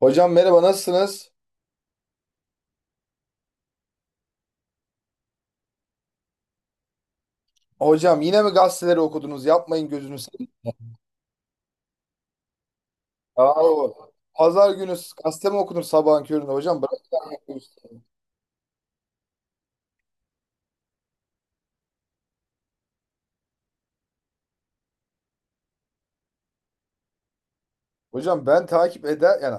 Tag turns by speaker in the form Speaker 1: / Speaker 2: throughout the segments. Speaker 1: Hocam merhaba nasılsınız? Hocam yine mi gazeteleri okudunuz? Yapmayın gözünü seveyim. Yahu, Pazar günü gazete mi okunur sabahın köründe hocam? Bırak ya. Hocam ben takip eder yani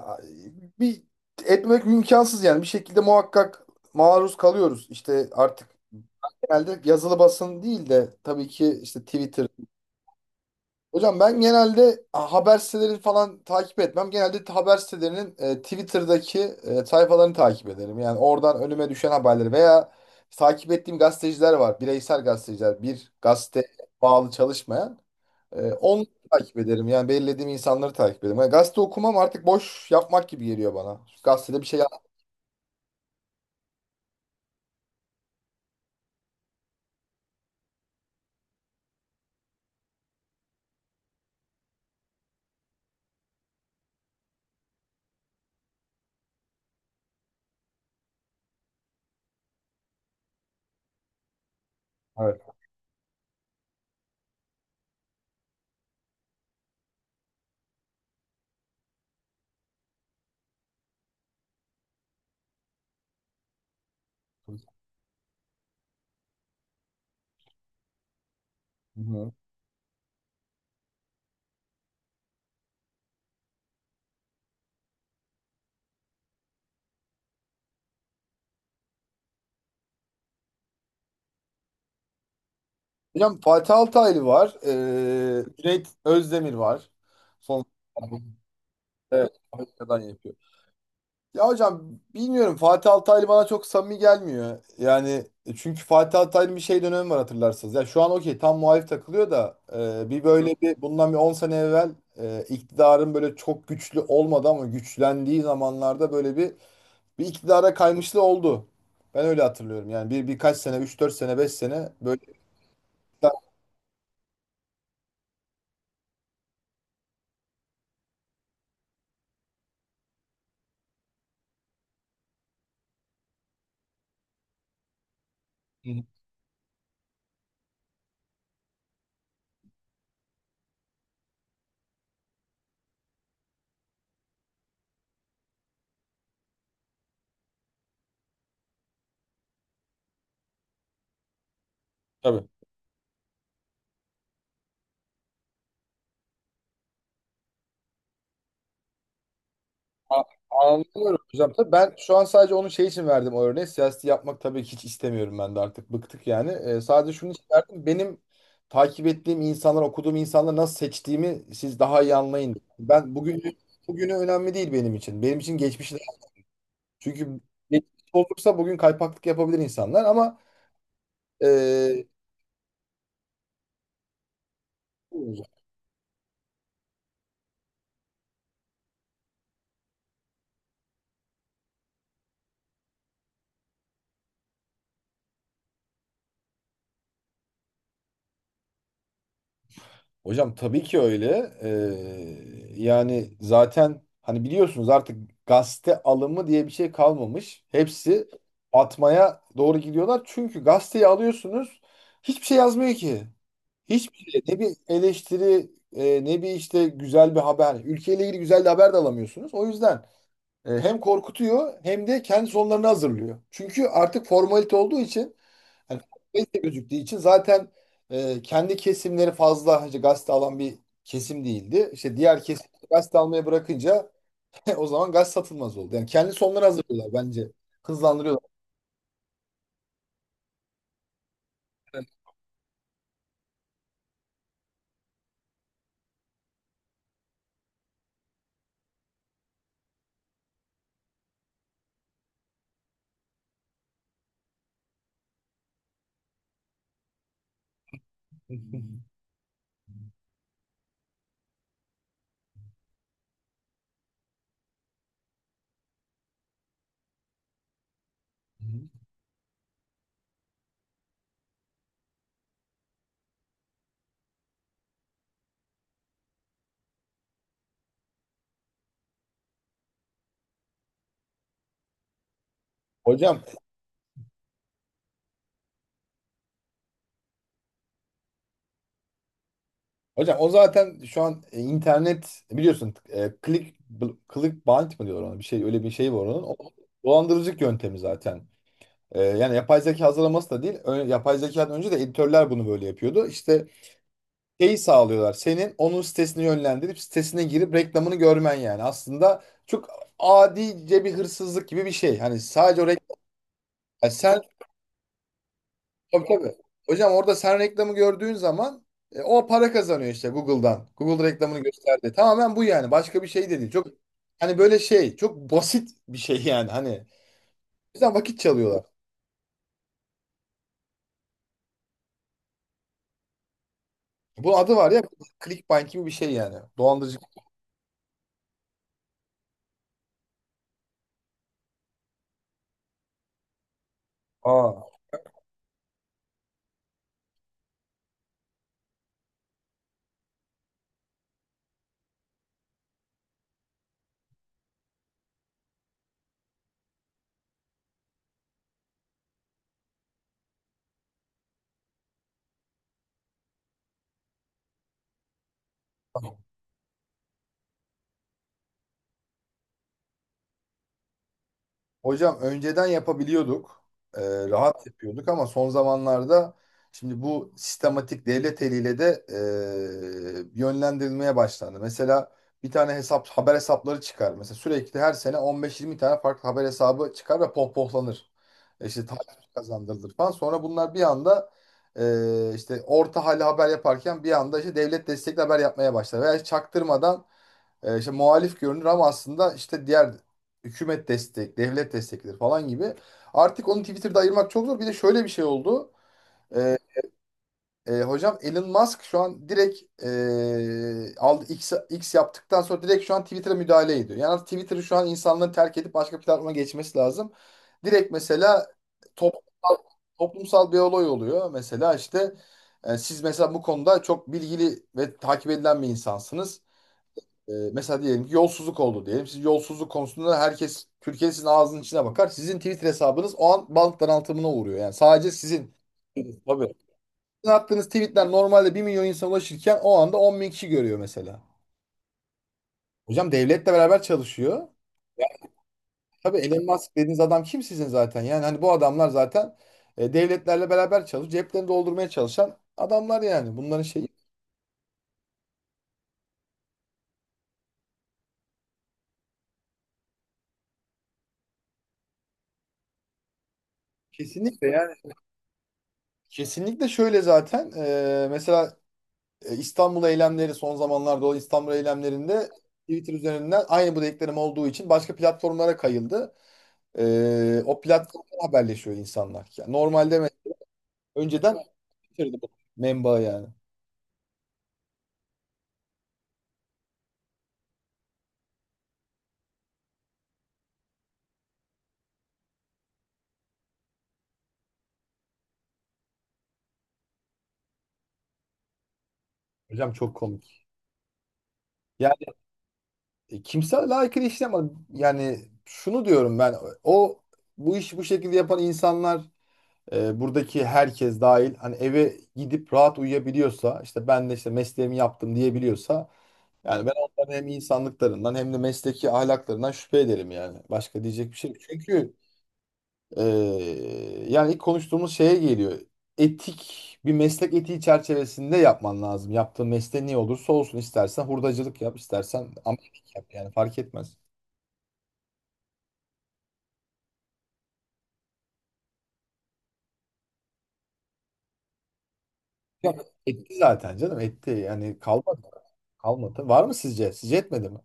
Speaker 1: bir etmek imkansız yani bir şekilde muhakkak maruz kalıyoruz. İşte artık genelde yazılı basın değil de tabii ki işte Twitter. Hocam ben genelde haber siteleri falan takip etmem. Genelde haber sitelerinin Twitter'daki sayfalarını takip ederim. Yani oradan önüme düşen haberleri veya takip ettiğim gazeteciler var. Bireysel gazeteciler. Bir gazete bağlı çalışmayan. Onu takip ederim. Yani belirlediğim insanları takip ederim. Yani gazete okumam artık boş yapmak gibi geliyor bana. Gazetede bir şey yap. Evet. Hı hı. Hocam Fatih Altaylı var. Cüneyt Özdemir var. Son. Evet. Amerika'dan yapıyor. Ya hocam bilmiyorum Fatih Altaylı bana çok samimi gelmiyor. Yani çünkü Fatih Altaylı'nın bir şey dönemi var hatırlarsınız. Ya şu an okey tam muhalif takılıyor da bir böyle bir bundan bir 10 sene evvel iktidarın böyle çok güçlü olmadı ama güçlendiği zamanlarda böyle bir iktidara kaymışlığı oldu. Ben öyle hatırlıyorum. Yani birkaç sene üç dört sene 5 sene böyle iktidar. Hı hı. Tabii. A- Anlıyorum hocam. Tabii ben şu an sadece onun şey için verdim o örneği. Siyaseti yapmak tabii ki hiç istemiyorum ben de artık. Bıktık yani. Sadece şunu için verdim. Benim takip ettiğim insanlar, okuduğum insanları nasıl seçtiğimi siz daha iyi anlayın. Ben bugün bugünü önemli değil benim için. Çünkü geçmiş olursa bugün kaypaklık yapabilir insanlar ama. e, Hocam tabii ki öyle. Yani zaten hani biliyorsunuz artık gazete alımı diye bir şey kalmamış. Hepsi atmaya doğru gidiyorlar. Çünkü gazeteyi alıyorsunuz hiçbir şey yazmıyor ki. Hiçbir şey. Ne bir eleştiri ne bir işte güzel bir haber. Ülkeyle ilgili güzel bir haber de alamıyorsunuz. O yüzden hem korkutuyor hem de kendi sonlarını hazırlıyor. Çünkü artık formalite olduğu için yani gazete gözüktüğü için zaten kendi kesimleri fazla işte gazete alan bir kesim değildi. İşte diğer kesim gazete almaya bırakınca o zaman gaz satılmaz oldu. Yani kendi sonları hazırlıyorlar bence. Hızlandırıyorlar. Hocam, hocam, o zaten şu an internet biliyorsun clickbait mı diyorlar ona bir şey öyle bir şey var onun. O, dolandırıcılık yöntemi zaten. Yani yapay zeka hazırlaması da değil. Yapay zekadan önce de editörler bunu böyle yapıyordu. İşte şeyi sağlıyorlar. Senin onun sitesini yönlendirip sitesine girip reklamını görmen yani. Aslında çok adice bir hırsızlık gibi bir şey. Hani sadece o reklam. Yani sen. Tabii, tabii. Hocam orada sen reklamı gördüğün zaman o para kazanıyor işte Google'dan. Google reklamını gösterdi. Tamamen bu yani. Başka bir şey de değil. Çok hani böyle şey çok basit bir şey yani. Hani bizden vakit çalıyorlar. Bunun adı var ya clickbait gibi bir şey yani. Dolandırıcı. Aa. Hocam önceden yapabiliyorduk. Ee, Rahat yapıyorduk ama son zamanlarda şimdi bu sistematik devlet eliyle de yönlendirilmeye başlandı. Mesela bir tane hesap haber hesapları çıkar. Mesela sürekli her sene 15-20 tane farklı haber hesabı çıkar ve pohpohlanır. İşte takip kazandırılır falan. Sonra bunlar bir anda işte orta hali haber yaparken bir anda işte devlet destekli haber yapmaya başlar. Veya hiç çaktırmadan işte muhalif görünür ama aslında işte diğer devlet desteklidir falan gibi. Artık onu Twitter'da ayırmak çok zor. Bir de şöyle bir şey oldu. E, Hocam Elon Musk şu an direkt aldı X, X yaptıktan sonra direkt şu an Twitter'a müdahale ediyor. Yani artık Twitter'ı şu an insanların terk edip başka platforma geçmesi lazım. Direkt mesela toplumsal, toplumsal bir olay oluyor. Mesela işte siz mesela bu konuda çok bilgili ve takip edilen bir insansınız. Mesela diyelim ki yolsuzluk oldu diyelim. Siz yolsuzluk konusunda herkes Türkiye sizin ağzının içine bakar. Sizin Twitter hesabınız o an bank daraltımına uğruyor. Yani sadece sizin. Tabii. Sizin attığınız tweetler normalde 1.000.000 insana ulaşırken o anda 10.000 kişi görüyor mesela. Hocam devletle beraber çalışıyor. Tabii Elon Musk dediğiniz adam kim sizin zaten? Yani hani bu adamlar zaten devletlerle beraber çalışıp ceplerini doldurmaya çalışan adamlar yani. Bunların şeyi kesinlikle yani. Kesinlikle şöyle zaten. Mesela İstanbul eylemleri son zamanlarda olan İstanbul eylemlerinde Twitter üzerinden aynı bu dediklerim olduğu için başka platformlara kayıldı. O platformdan haberleşiyor insanlar. Yani normalde önceden Twitter'dı bu menba yani. Hocam çok komik. Yani kimse layıkıyla işlem yani şunu diyorum ben o bu iş bu şekilde yapan insanlar buradaki herkes dahil hani eve gidip rahat uyuyabiliyorsa işte ben de işte mesleğimi yaptım diyebiliyorsa. Yani ben onların hem insanlıklarından hem de mesleki ahlaklarından şüphe ederim yani. Başka diyecek bir şey yok. Çünkü yani ilk konuştuğumuz şeye geliyor. Etik bir meslek etiği çerçevesinde yapman lazım. Yaptığın mesleğin ne olursa olsun istersen hurdacılık yap, istersen amelik yap yani fark etmez. Yok etti zaten canım etti yani kalmadı. Kalmadı. Var mı sizce? Sizce etmedi mi?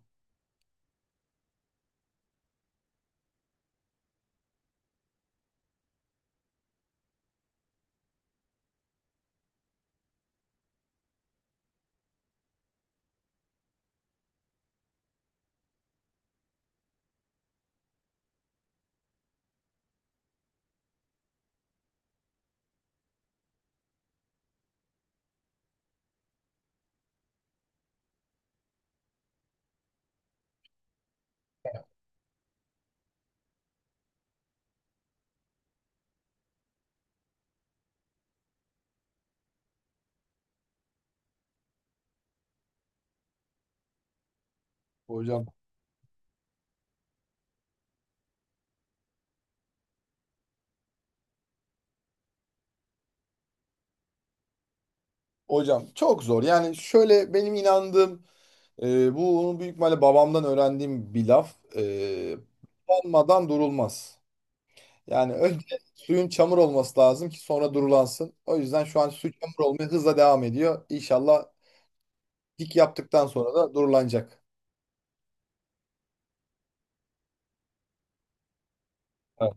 Speaker 1: Hocam Hocam çok zor. Yani şöyle benim inandığım bunu büyük ihtimalle babamdan öğrendiğim bir laf. Olmadan durulmaz. Yani önce suyun çamur olması lazım ki sonra durulansın. O yüzden şu an su çamur olmaya hızla devam ediyor. İnşallah dik yaptıktan sonra da durulanacak. Evet.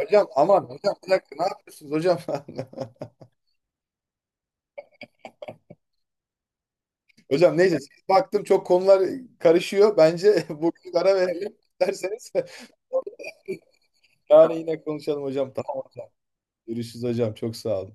Speaker 1: Hocam aman hocam bir dakika ne yapıyorsunuz hocam? Hocam neyse siz baktım çok konular karışıyor. Bence bugün ara verelim derseniz. Yani yine konuşalım hocam. Tamam görüşürüz hocam çok sağ olun.